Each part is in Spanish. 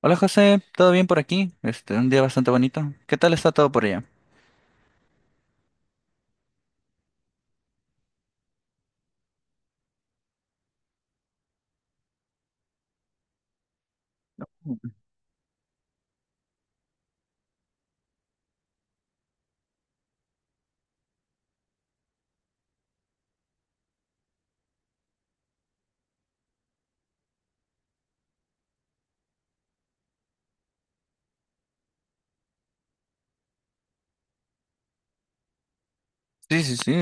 Hola José, ¿todo bien por aquí? Este, un día bastante bonito. ¿Qué tal está todo por allá? Sí, sí, sí,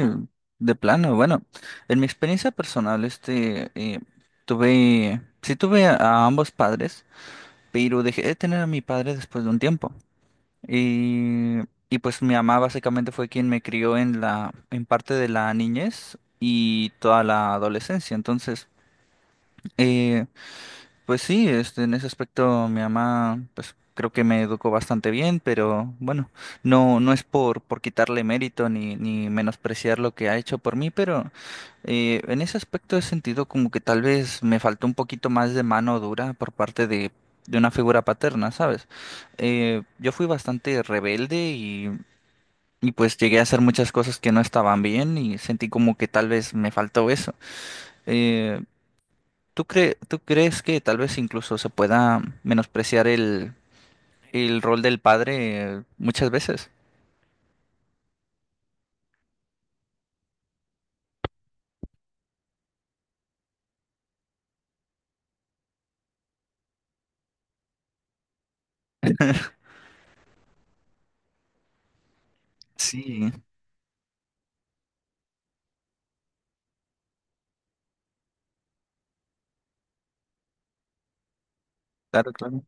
de plano. Bueno, en mi experiencia personal, este, tuve, sí tuve a ambos padres, pero dejé de tener a mi padre después de un tiempo. Y, y pues mi mamá básicamente fue quien me crió en la, en parte de la niñez y toda la adolescencia. Entonces, eh, pues sí, este, en ese aspecto mi mamá, pues creo que me educó bastante bien, pero bueno, no, no es por quitarle mérito ni, ni menospreciar lo que ha hecho por mí, pero en ese aspecto he sentido como que tal vez me faltó un poquito más de mano dura por parte de una figura paterna, ¿sabes? Yo fui bastante rebelde y pues llegué a hacer muchas cosas que no estaban bien y sentí como que tal vez me faltó eso. Eh, ¿Tú crees que tal vez incluso se pueda menospreciar el rol del padre muchas veces? Sí, claro, claro.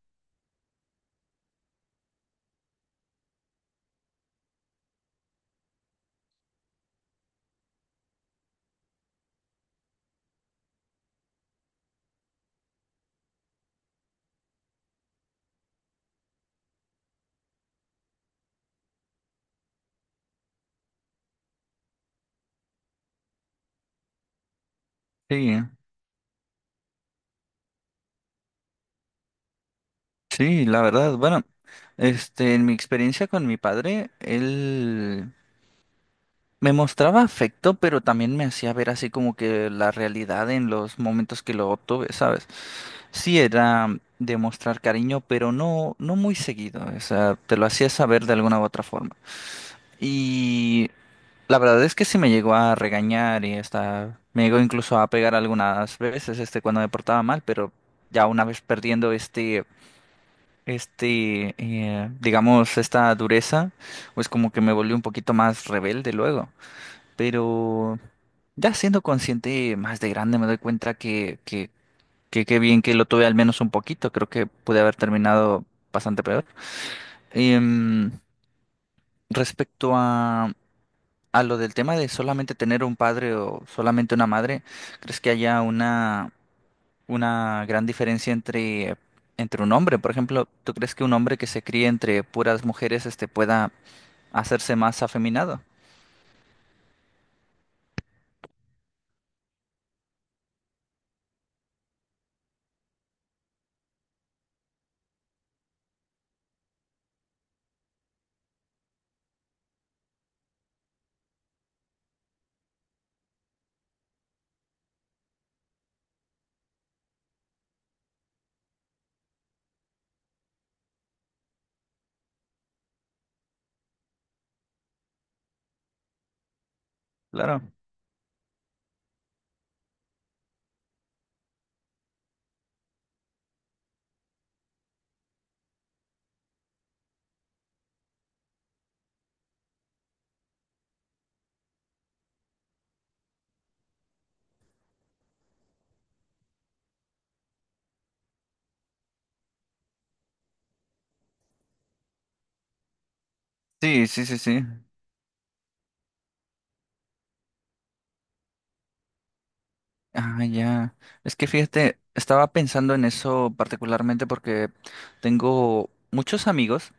Sí, sí, la verdad. Bueno, este, en mi experiencia con mi padre, él me mostraba afecto, pero también me hacía ver así como que la realidad en los momentos que lo obtuve, ¿sabes? Sí, era demostrar cariño, pero no, no muy seguido. O sea, te lo hacía saber de alguna u otra forma. Y la verdad es que sí me llegó a regañar y hasta me llegó incluso a pegar algunas veces este cuando me portaba mal, pero ya una vez perdiendo este digamos esta dureza, pues como que me volví un poquito más rebelde luego, pero ya siendo consciente más de grande me doy cuenta que que qué bien que lo tuve al menos un poquito, creo que pude haber terminado bastante peor. Em, Respecto a lo del tema de solamente tener un padre o solamente una madre, ¿crees que haya una gran diferencia entre, entre un hombre? Por ejemplo, ¿tú crees que un hombre que se críe entre puras mujeres este, pueda hacerse más afeminado? Claro. Sí, sí, sí, sí. Ah, ya. Es que fíjate, estaba pensando en eso particularmente porque tengo muchos amigos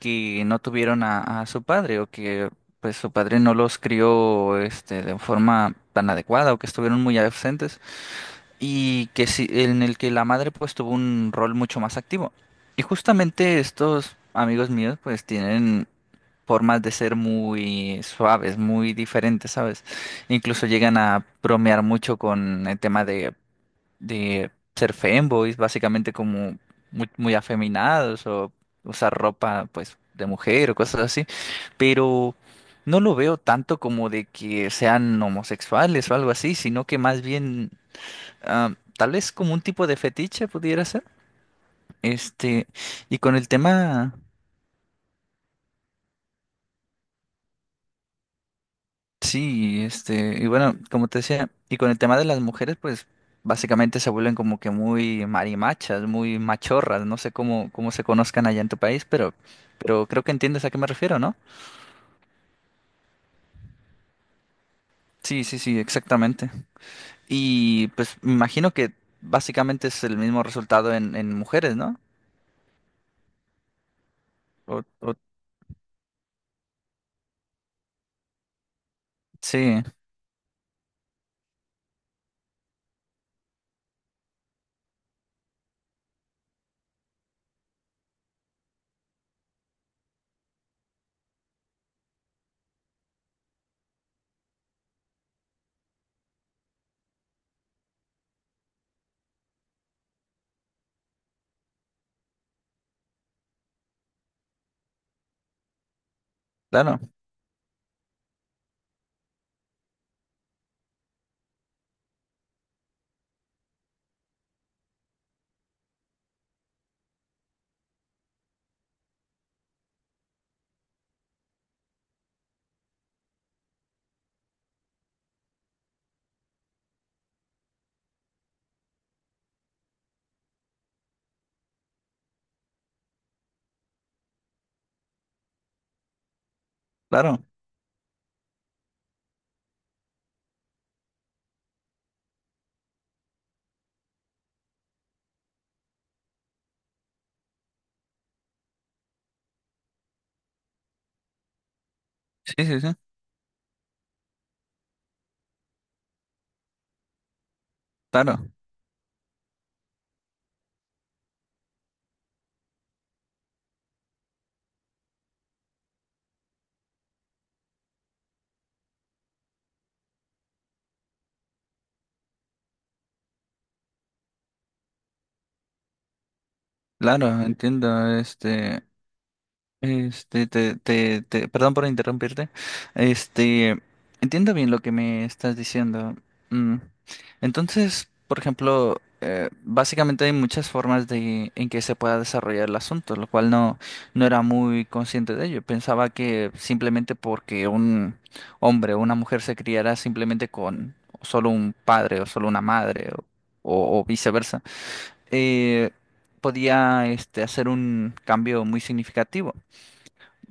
que no tuvieron a su padre o que pues su padre no los crió este de forma tan adecuada o que estuvieron muy ausentes y que sí, en el que la madre pues tuvo un rol mucho más activo. Y justamente estos amigos míos pues tienen formas de ser muy suaves, muy diferentes, ¿sabes? Incluso llegan a bromear mucho con el tema de ser femboys, básicamente como muy, muy afeminados o usar ropa pues de mujer o cosas así, pero no lo veo tanto como de que sean homosexuales o algo así, sino que más bien ah, tal vez como un tipo de fetiche pudiera ser. Este, y con el tema Sí, este, y bueno, como te decía, y con el tema de las mujeres, pues básicamente se vuelven como que muy marimachas, muy machorras, no sé cómo, cómo se conozcan allá en tu país, pero creo que entiendes a qué me refiero, ¿no? Sí, sí, sí, exactamente. Y pues me imagino que básicamente es el mismo resultado en mujeres, ¿no? O- sí, claro, claro, sí, sí, sí, claro, claro, entiendo, este. Este, perdón por interrumpirte. Este, entiendo bien lo que me estás diciendo. Mm, entonces, por ejemplo, básicamente hay muchas formas de en que se pueda desarrollar el asunto, lo cual no, no era muy consciente de ello. Pensaba que simplemente porque un hombre o una mujer se criara simplemente con solo un padre o solo una madre o viceversa, eh, podía este, hacer un cambio muy significativo.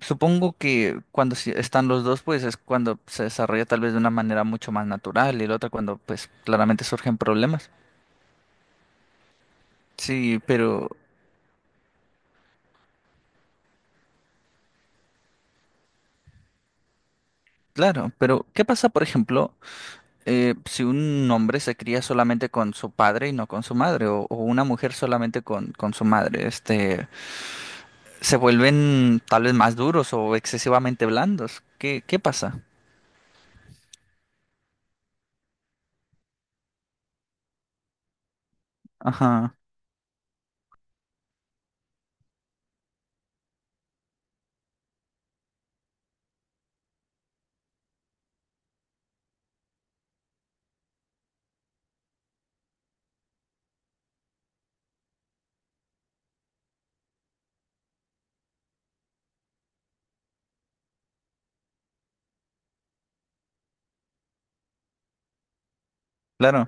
Supongo que cuando sí están los dos, pues es cuando se desarrolla tal vez de una manera mucho más natural y la otra cuando pues claramente surgen problemas. Sí, pero claro, pero ¿qué pasa, por ejemplo, si un hombre se cría solamente con su padre y no con su madre o una mujer solamente con su madre? Este, se vuelven tal vez más duros o excesivamente blandos. ¿Qué, qué pasa? Ajá, claro,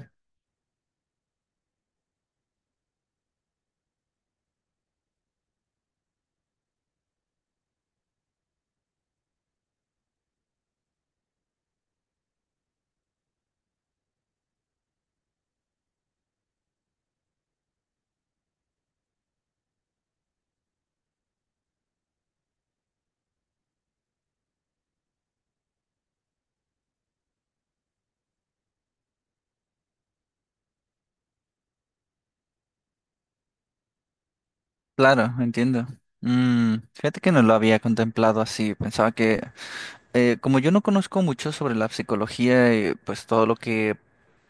claro, entiendo. Mm, fíjate que no lo había contemplado así, pensaba que como yo no conozco mucho sobre la psicología y pues todo lo que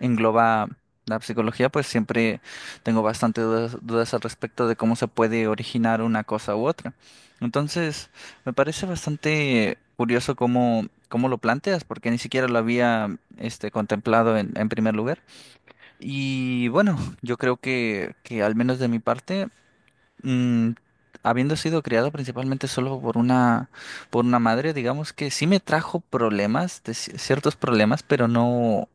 engloba la psicología, pues siempre tengo bastante dudas, dudas al respecto de cómo se puede originar una cosa u otra. Entonces, me parece bastante curioso cómo, cómo lo planteas, porque ni siquiera lo había este, contemplado en primer lugar. Y bueno, yo creo que al menos de mi parte. Mm, habiendo sido criado principalmente solo por una madre, digamos que sí me trajo problemas, de ci- ciertos problemas, pero no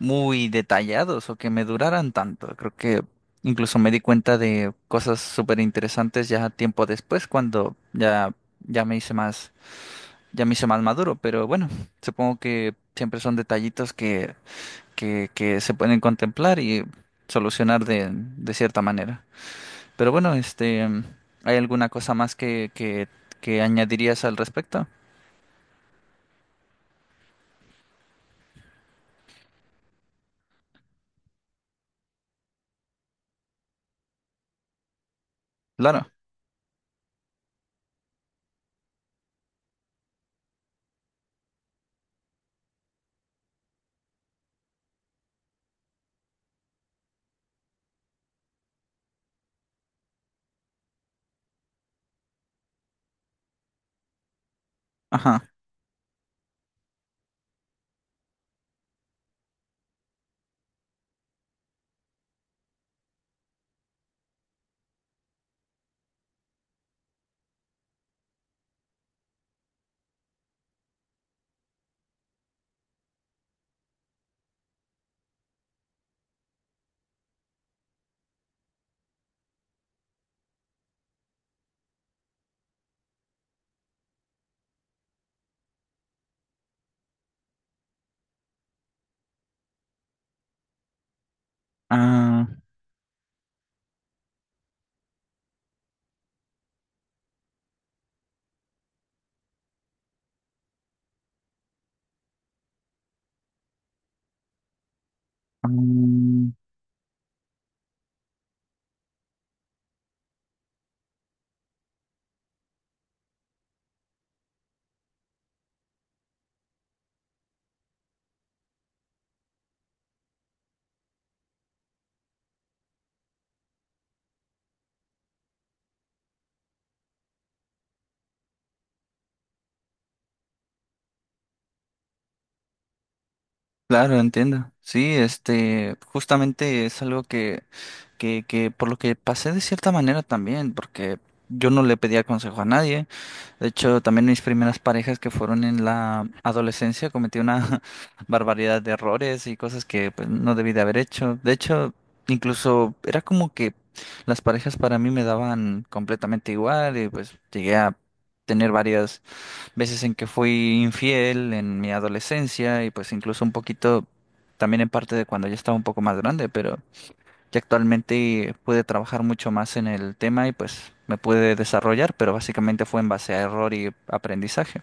muy detallados o que me duraran tanto. Creo que incluso me di cuenta de cosas súper interesantes ya tiempo después, cuando ya, ya me hice más, ya me hice más maduro. Pero bueno, supongo que siempre son detallitos que se pueden contemplar y solucionar de cierta manera. Pero bueno, este, ¿hay alguna cosa más que añadirías al respecto? Claro. Ajá. Ah, mm, claro, entiendo. Sí, este, justamente es algo que por lo que pasé de cierta manera también, porque yo no le pedía consejo a nadie. De hecho, también mis primeras parejas que fueron en la adolescencia cometí una barbaridad de errores y cosas que pues, no debí de haber hecho. De hecho, incluso era como que las parejas para mí me daban completamente igual y pues llegué a tener varias veces en que fui infiel en mi adolescencia y pues incluso un poquito también en parte de cuando ya estaba un poco más grande, pero que actualmente pude trabajar mucho más en el tema y pues me pude desarrollar, pero básicamente fue en base a error y aprendizaje.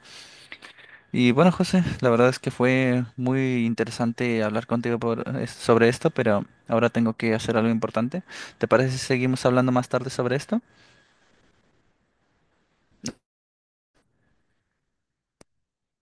Y bueno, José, la verdad es que fue muy interesante hablar contigo sobre esto, pero ahora tengo que hacer algo importante. ¿Te parece si seguimos hablando más tarde sobre esto?